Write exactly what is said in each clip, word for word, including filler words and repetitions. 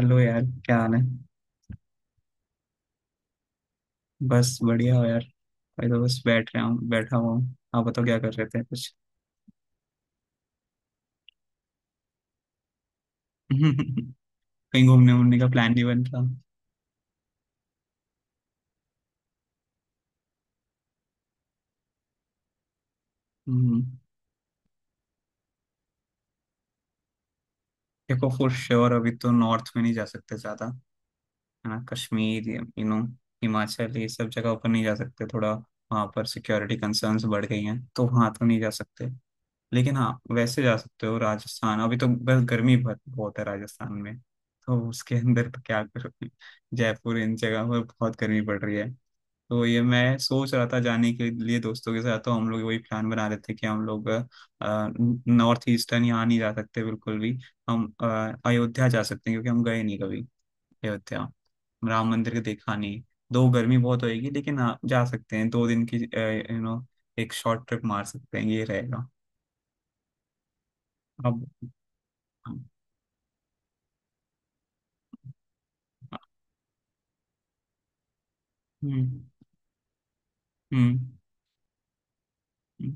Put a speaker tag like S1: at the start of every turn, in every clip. S1: Hello यार। क्या हाल है? बस बढ़िया हो यार। मैं तो बस बैठ रहा हूँ बैठा हुआ हूँ आप बताओ क्या कर रहे थे कुछ? कहीं घूमने वूमने का प्लान नहीं बन रहा। हम्म, देखो फॉर श्योर अभी तो नॉर्थ में नहीं जा सकते ज्यादा। है ना, कश्मीर, यू नो हिमाचल ये सब जगह ऊपर नहीं जा सकते। थोड़ा वहाँ पर सिक्योरिटी कंसर्न्स बढ़ गई हैं तो वहाँ तो नहीं जा सकते। लेकिन हाँ, वैसे जा सकते हो राजस्थान। अभी तो बस गर्मी बहुत बहुत है राजस्थान में। तो उसके अंदर तो क्या करोगे। जयपुर इन जगह पर बहुत गर्मी पड़ रही है। तो ये मैं सोच रहा था जाने के लिए दोस्तों के साथ, तो हम लोग वही प्लान बना रहे थे कि हम लोग नॉर्थ ईस्टर्न यहाँ नहीं जा सकते बिल्कुल भी। हम अ, अयोध्या जा सकते हैं क्योंकि हम गए नहीं कभी अयोध्या। राम मंदिर के देखा नहीं। दो गर्मी बहुत होएगी, लेकिन हाँ जा सकते हैं दो दिन की। यू नो एक शॉर्ट ट्रिप मार सकते हैं, ये रहेगा। अब। हम्म। हम्म, हम्म।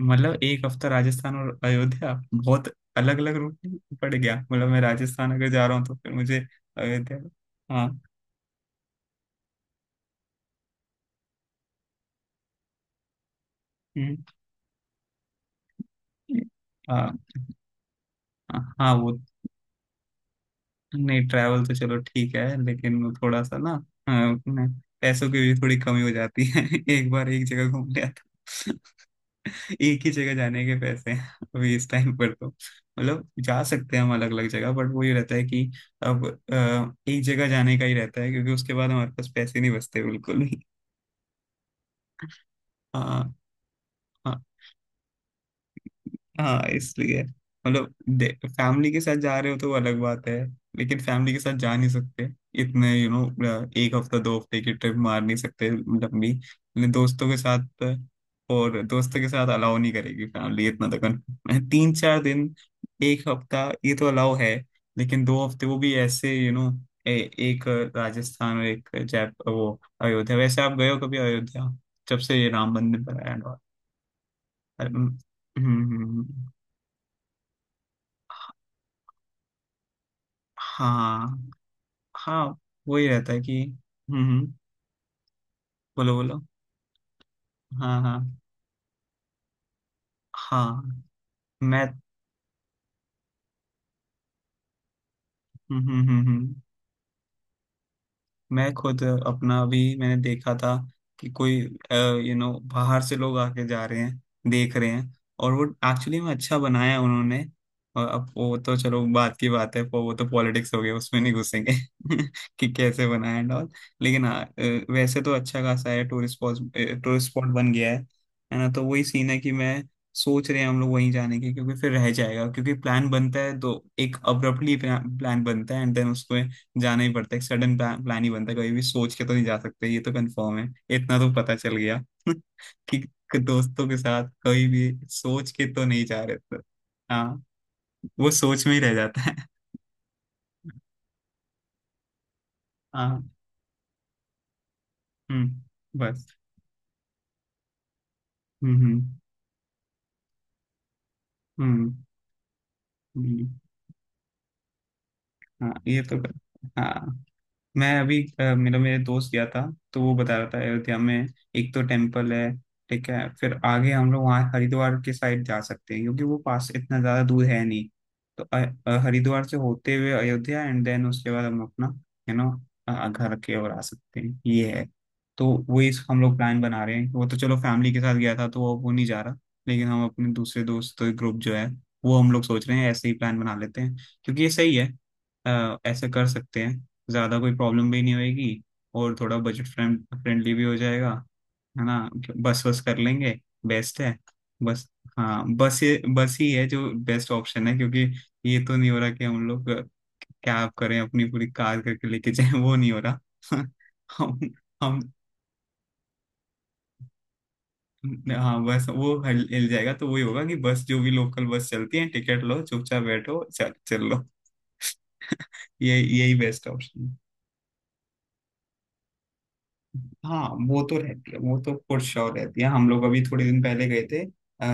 S1: मतलब एक हफ्ता राजस्थान और अयोध्या बहुत अलग अलग रूट पड़ गया। मतलब मैं राजस्थान अगर जा रहा हूँ तो फिर मुझे अयोध्या। हाँ। हम्म, हाँ, हाँ, वो नहीं। ट्रैवल तो चलो ठीक है लेकिन वो थोड़ा सा ना। हाँ, अपने पैसों की भी थोड़ी कमी हो जाती है। एक बार एक जगह घूम लिया था, एक ही जगह जाने के पैसे हैं। अभी इस टाइम पर तो मतलब जा सकते हैं हम अलग अलग जगह, बट वो ये रहता है कि अब अ, एक जगह जाने का ही रहता है क्योंकि उसके बाद हमारे पास पैसे नहीं बचते बिल्कुल भी। हाँ। हाँ। हाँ, इसलिए मतलब फैमिली के साथ जा रहे हो तो वो अलग बात है। लेकिन फैमिली के साथ जा नहीं सकते इतने। यू you नो एक हफ्ता दो हफ्ते की ट्रिप मार नहीं सकते लंबी, लेकिन दोस्तों के साथ। और दोस्तों के साथ अलाउ नहीं करेगी फैमिली इतना तो, confirm है तीन चार दिन, एक हफ्ता, ये तो अलाउ है। लेकिन दो हफ्ते वो भी ऐसे यू you नो एक राजस्थान और एक जय वो अयोध्या। वैसे आप गए हो कभी अयोध्या? जब से ये राम मंदिर बनाया हुआ है। हम्म, हम्म, हम्म, हम्म। हाँ। हाँ, वही रहता है कि हम्म हम्म, बोलो बोलो। हाँ, हाँ। हाँ, मैं। हम्म हम्म हम्म हम्म, मैं खुद अपना अभी मैंने देखा था कि कोई यू नो बाहर से लोग आके जा रहे हैं, देख रहे हैं। और वो एक्चुअली में अच्छा बनाया उन्होंने। और अब वो तो चलो बात की बात है, पर वो तो पॉलिटिक्स हो गया उसमें नहीं घुसेंगे। कि कैसे बनाया एंड ऑल। लेकिन हाँ, अ, वैसे तो अच्छा खासा है टूरिस्ट स्पॉट। टूरिस्ट स्पॉट बन गया है। है ना? तो वही सीन है कि मैं सोच रहे हैं हम लोग वहीं जाने की क्योंकि फिर रह जाएगा, क्योंकि प्लान बनता है तो एक अब्रप्टली प्लान बनता है एंड देन उसको जाना ही पड़ता है। सडन प्लान ही बनता है, कभी भी सोच के तो नहीं जा सकते, ये तो कंफर्म है, इतना तो पता चल गया। कि दोस्तों के साथ कभी भी सोच के तो नहीं जा रहे थे। हाँ, वो सोच में ही रह जाता है। हाँ। हम्म, बस। हम्म हम्म हम्म हम्म, हाँ, ये तो। हाँ, मैं अभी अ, मेरा मेरे दोस्त गया था। तो वो बता रहा था अयोध्या में एक तो टेम्पल है। ठीक है, फिर आगे हम लोग वहाँ हरिद्वार के साइड जा सकते हैं क्योंकि वो पास इतना ज्यादा दूर है नहीं। तो अ, अ, हरिद्वार से होते हुए अयोध्या एंड देन उसके बाद हम अपना यू नो घर के और आ सकते हैं, ये है। तो वही इस- हम लोग प्लान बना रहे हैं। वो तो चलो फैमिली के साथ गया था तो वो वो नहीं जा रहा, लेकिन हम अपने दूसरे दोस्त ग्रुप जो है वो हम लोग सोच रहे हैं ऐसे ही प्लान बना लेते हैं क्योंकि ये सही है। अ, ऐसे कर सकते हैं, ज़्यादा कोई प्रॉब्लम भी नहीं होएगी, और थोड़ा बजट फ्रेंड फ्रेंडली भी हो जाएगा। है ना? बस वस कर लेंगे, बेस्ट है। बस। हाँ बस, ये बस ही है जो बेस्ट ऑप्शन है। क्योंकि ये तो नहीं हो रहा कि हम लोग कैब करें अपनी, पूरी कार करके लेके जाए, वो नहीं हो रहा। हम हम हाँ, बस वो हिल हिल जाएगा तो वही होगा कि बस जो भी लोकल बस चलती है, टिकट लो, चुपचाप बैठो, चल चल लो। ये यही बेस्ट ऑप्शन। हाँ, वो तो रहती है, वो तो फॉर श्योर रहती है। हम लोग अभी थोड़े दिन पहले गए थे अ,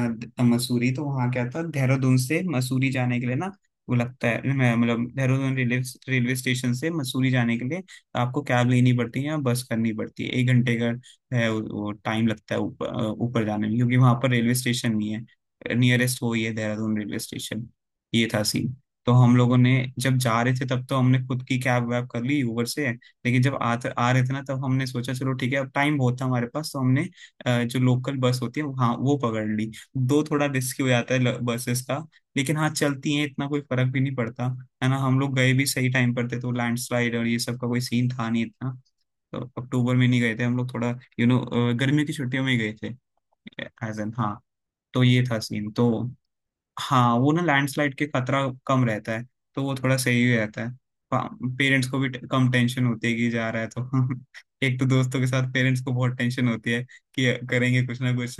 S1: द- मसूरी। तो वहाँ क्या था, देहरादून से मसूरी जाने के लिए ना, वो लगता है मैं- मतलब देहरादून रेलवे रेलवे स्टेशन से मसूरी जाने के लिए आपको कैब लेनी पड़ती है या बस करनी पड़ती है, एक घंटे का है वो, वो टाइम लगता है ऊपर अ, ऊपर जाने में, क्योंकि वहाँ पर रेलवे स्टेशन नहीं है नियरेस्ट, वो ही है देहरादून रेलवे स्टेशन, ये था सीन। तो हम लोगों ने जब जा रहे थे तब तो हमने खुद की कैब वैब कर ली ऊबर से, लेकिन जब आ, आ रहे थे ना तब हमने सोचा चलो ठीक है, अब टाइम बहुत था हमारे पास तो हमने अ, जो लोकल बस होती है, हाँ वो पकड़ ली। दो थोड़ा रिस्की हो जाता है बसेस का, लेकिन हाँ चलती हैं, इतना कोई फर्क भी नहीं पड़ता। है ना? हम लोग गए भी सही टाइम पर थे तो लैंडस्लाइड और ये सब का कोई सीन था नहीं इतना। तो अक्टूबर में नहीं गए थे हम लोग, थोड़ा यू नो गर्मी की छुट्टियों में ही गए थे एज एन, हाँ। तो ये था सीन। तो हाँ, वो ना लैंडस्लाइड के खतरा कम रहता है तो वो थोड़ा सही रहता है। पेरेंट्स को भी ट- कम टेंशन होती है कि जा रहा है तो। एक तो दोस्तों के साथ पेरेंट्स को बहुत टेंशन होती है, कि करेंगे कुछ ना कुछ।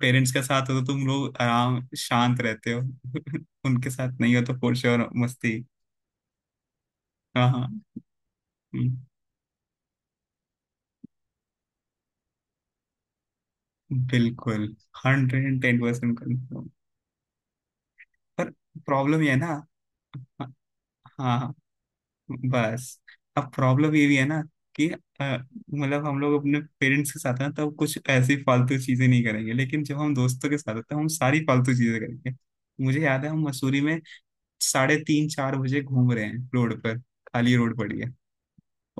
S1: पेरेंट्स के साथ हो तो तुम लोग आराम शांत रहते हो। उनके साथ नहीं हो तो फोर श्योर मस्ती। हाँ, हाँ। हम्म, बिल्कुल हंड्रेड एंड टेन परसेंट। पर प्रॉब्लम ये है ना। हाँ, हाँ, हाँ। बस। अब प्रॉब्लम ये भी है ना कि अ, मतलब हम लोग अपने पेरेंट्स के साथ हैं तब कुछ ऐसी फालतू चीजें नहीं करेंगे, लेकिन जब हम दोस्तों के साथ होते हैं हम सारी फालतू चीजें करेंगे। मुझे याद है हम मसूरी में साढ़े तीन चार बजे घूम रहे हैं रोड पर, खाली रोड पड़ी है,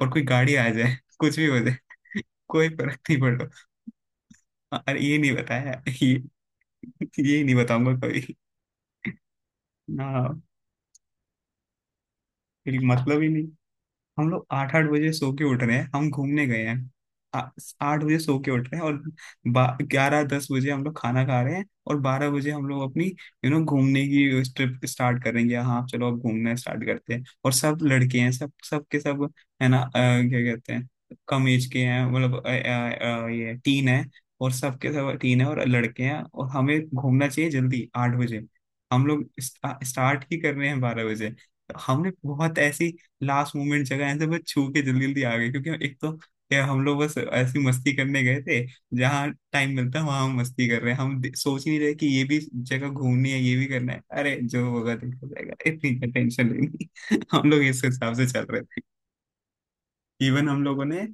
S1: और कोई गाड़ी आ जाए, कुछ भी हो जाए, कोई फर्क नहीं पड़ रहा। अरे ये नहीं बताया, ये ये नहीं बताऊंगा कभी। ना, मतलब ही नहीं। हम लोग आठ आठ बजे सो के उठ रहे हैं, हम घूमने गए हैं। आ- आठ बजे सो के उठ रहे हैं, और ग्यारह दस बजे हम लोग खाना खा रहे हैं, और बारह बजे हम लोग अपनी यू नो घूमने की ट्रिप स्टार्ट करेंगे। हाँ चलो अब घूमना स्टार्ट करते हैं। और सब लड़के हैं, सब सब के सब। है ना? अ, क्या कहते हैं, कम एज के हैं, मतलब अ, अ, अ, ये टीन है, और सब के सब टीन है और लड़के हैं, और हमें घूमना चाहिए जल्दी। आठ बजे हम लोग स्टार्ट ही कर रहे हैं बारह बजे। हमने बहुत ऐसी लास्ट मोमेंट जगह ऐसे बस छू के जल्दी जल्दी आ गए, क्योंकि एक तो क्या हम लोग बस ऐसी मस्ती करने गए थे। जहाँ टाइम मिलता है वहां हम मस्ती कर रहे हैं, हम दे- सोच ही नहीं रहे कि ये भी जगह घूमनी है, ये भी करना है, अरे जो होगा देखा जाएगा, इतनी टेंशन लेनी। हम लोग इस हिसाब से चल रहे थे। इवन हम लोगों ने।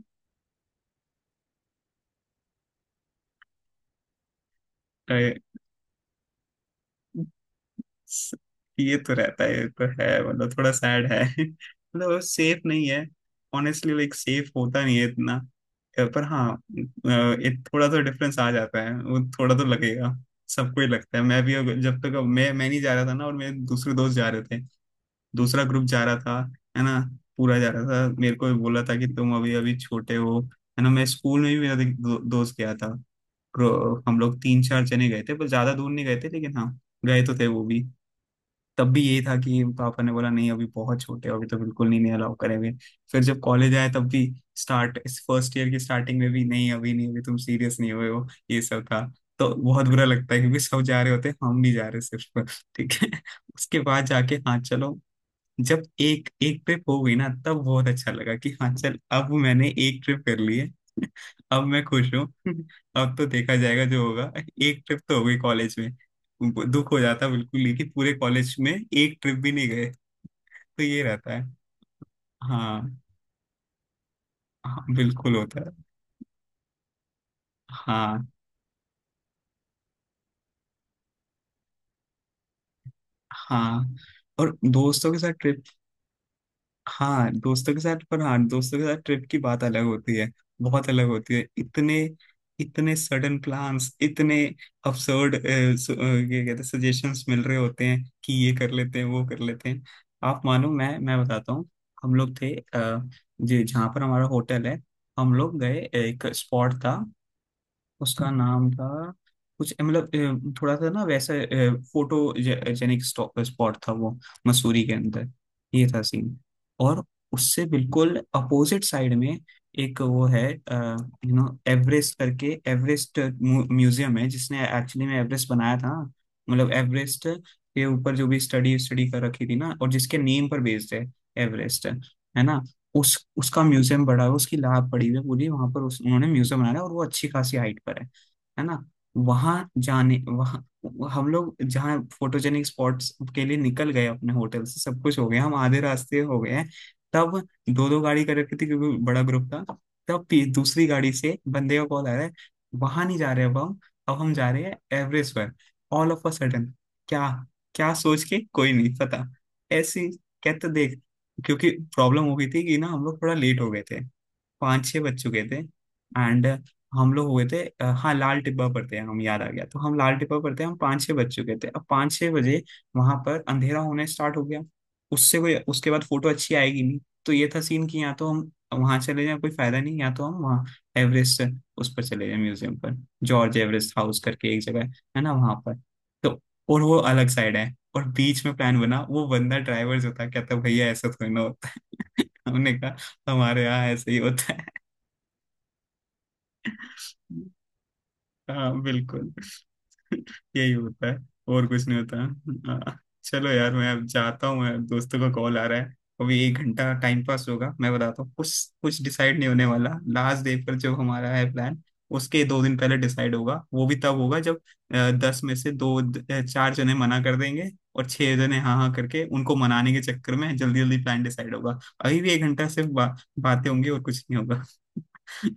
S1: ये तो रहता है, ये तो है, मतलब थोड़ा सैड है। मतलब सेफ नहीं है, ऑनेस्टली लाइक सेफ होता नहीं है इतना। अ, पर हाँ, अ, एक थोड़ा तो डिफरेंस आ जाता है, वो थोड़ा तो लगेगा। सबको ही लगता है। मैं भी अगर- जब तक अब मैं मैं नहीं जा रहा था ना, और मेरे दूसरे दोस्त जा रहे थे, दूसरा ग्रुप जा रहा था। है ना? पूरा जा रहा था, मेरे को भी बोला था कि तुम अभी अभी छोटे हो। है ना? मैं स्कूल में भी मेरा एक दो, दोस्त गया था। प्रो- हम लोग तीन चार जने गए थे पर ज्यादा दूर नहीं गए थे, लेकिन हाँ गए तो थे वो भी। तब भी यही था कि पापा ने बोला नहीं, अभी बहुत छोटे हो, अभी तो बिल्कुल नहीं, नहीं अलाउ करेंगे। फिर जब कॉलेज आया तब भी, स्टार्ट इस फर्स्ट ईयर की स्टार्टिंग में भी, नहीं अभी नहीं, अभी तुम सीरियस नहीं हुए हो, ये सब था। तो बहुत बुरा लगता है क्योंकि सब जा रहे होते हैं हम नहीं जा रहे सिर्फ, ठीक है। उसके बाद जाके हाँ चलो, जब एक एक ट्रिप हो गई ना तब बहुत अच्छा लगा कि हाँ चल अब मैंने एक ट्रिप कर ली है। अब मैं खुश हूँ। अब तो देखा जाएगा जो होगा। एक ट्रिप तो हो गई कॉलेज में। ब- दुख हो जाता बिल्कुल ही कि पूरे कॉलेज में एक ट्रिप भी नहीं गए। तो ये रहता है। हाँ। हाँ बिल्कुल होता है। हाँ हाँ। और दोस्तों के साथ ट्रिप। हाँ दोस्तों के साथ, पर हाँ दोस्तों के साथ ट्रिप की बात अलग होती है। बहुत अलग होती है। इतने इतने सडन प्लान्स, इतने absurd, अ, सु- अ, ये कहते हैं, सजेशंस मिल रहे होते हैं कि ये कर लेते हैं, वो कर लेते हैं। आप मानो, मैं मैं बताता हूँ। हम लोग थे अ, जे- जहाँ पर हमारा होटल है। हम लोग गए, एक स्पॉट था, उसका नाम था कुछ, मतलब अ, थोड़ा सा ना वैसा फोटो जेनिक स्पॉट था वो, मसूरी के अंदर। ये था सीन। और उससे बिल्कुल अपोजिट साइड में एक वो है, यू नो एवरेस्ट करके, एवरेस्ट म्यूजियम है, जिसने एक्चुअली में एवरेस्ट बनाया था। मतलब एवरेस्ट के ऊपर जो भी स्टडी स्टडी कर रखी थी ना, और जिसके नेम पर बेस्ड है एवरेस्ट है ना। उस उसका म्यूजियम बड़ा है, उसकी लैब पड़ी हुई है पूरी वहां पर। उस उन्होंने म्यूजियम बनाया है, और वो अच्छी खासी हाइट पर है है ना। वहां जाने, वहां हम लोग जहाँ फोटोजेनिक स्पॉट्स के लिए निकल गए अपने होटल से, सब कुछ हो गया, हम आधे रास्ते हो गए हैं। तब दो दो गाड़ी कर रखी थी, क्योंकि बड़ा ग्रुप था। तब पी- दूसरी गाड़ी से बंदे का कॉल आ रहा है। वहां नहीं जा रहे अब हम। अब हम जा रहे हैं एवरेस्ट पर, ऑल ऑफ अ सडन। क्या, क्या सोच के कोई नहीं पता, ऐसी कहते देख। क्योंकि प्रॉब्लम हो गई थी कि ना, हम लोग थोड़ा लेट हो गए थे, पाँच छः बज चुके थे। एंड हम लोग हुए थे अ, हाँ, लाल टिब्बा पर थे हम, याद आ गया। तो हम लाल टिब्बा पर थे हम, पाँच छः बज चुके थे। अब पाँच छः बजे वहां पर अंधेरा होने स्टार्ट हो गया। उससे कोई उसके बाद फोटो अच्छी आएगी नहीं। तो ये था सीन, कि या तो हम वहां चले जाएं, कोई फायदा नहीं, या तो हम वहाँ एवरेस्ट, उस पर चले जाएं, म्यूजियम पर। जॉर्ज एवरेस्ट हाउस करके एक जगह है है ना वहां पर। तो और वो अलग साइड है। और बीच में प्लान बना, वो बंदा ड्राइवर जो था, कहता भैया ऐसा थोड़ी ना होता है। हमने कहा, हमारे यहाँ ऐसे ही होता है। हाँ बिल्कुल। यही होता है। और कुछ नहीं होता। हाँ, चलो यार, मैं अब जाता हूँ, मैं दोस्तों का कॉल आ रहा है। अभी एक घंटा टाइम पास होगा, मैं बताता हूँ कुछ। कुछ डिसाइड नहीं होने वाला। लास्ट डे पर जो हमारा है प्लान, उसके दो दिन पहले डिसाइड होगा, वो भी तब होगा जब अ, दस में से दो, अ, चार जने मना कर देंगे। और छह जने हाँ हाँ करके, उनको मनाने के चक्कर में जल्दी जल्दी प्लान डिसाइड होगा। अभी भी एक घंटा सिर्फ बा, बातें होंगी, और कुछ नहीं होगा।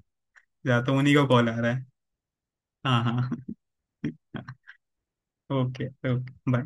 S1: जाता हूँ, उन्हीं का कॉल आ रहा है। हाँ हाँ। Okay okay. बाय।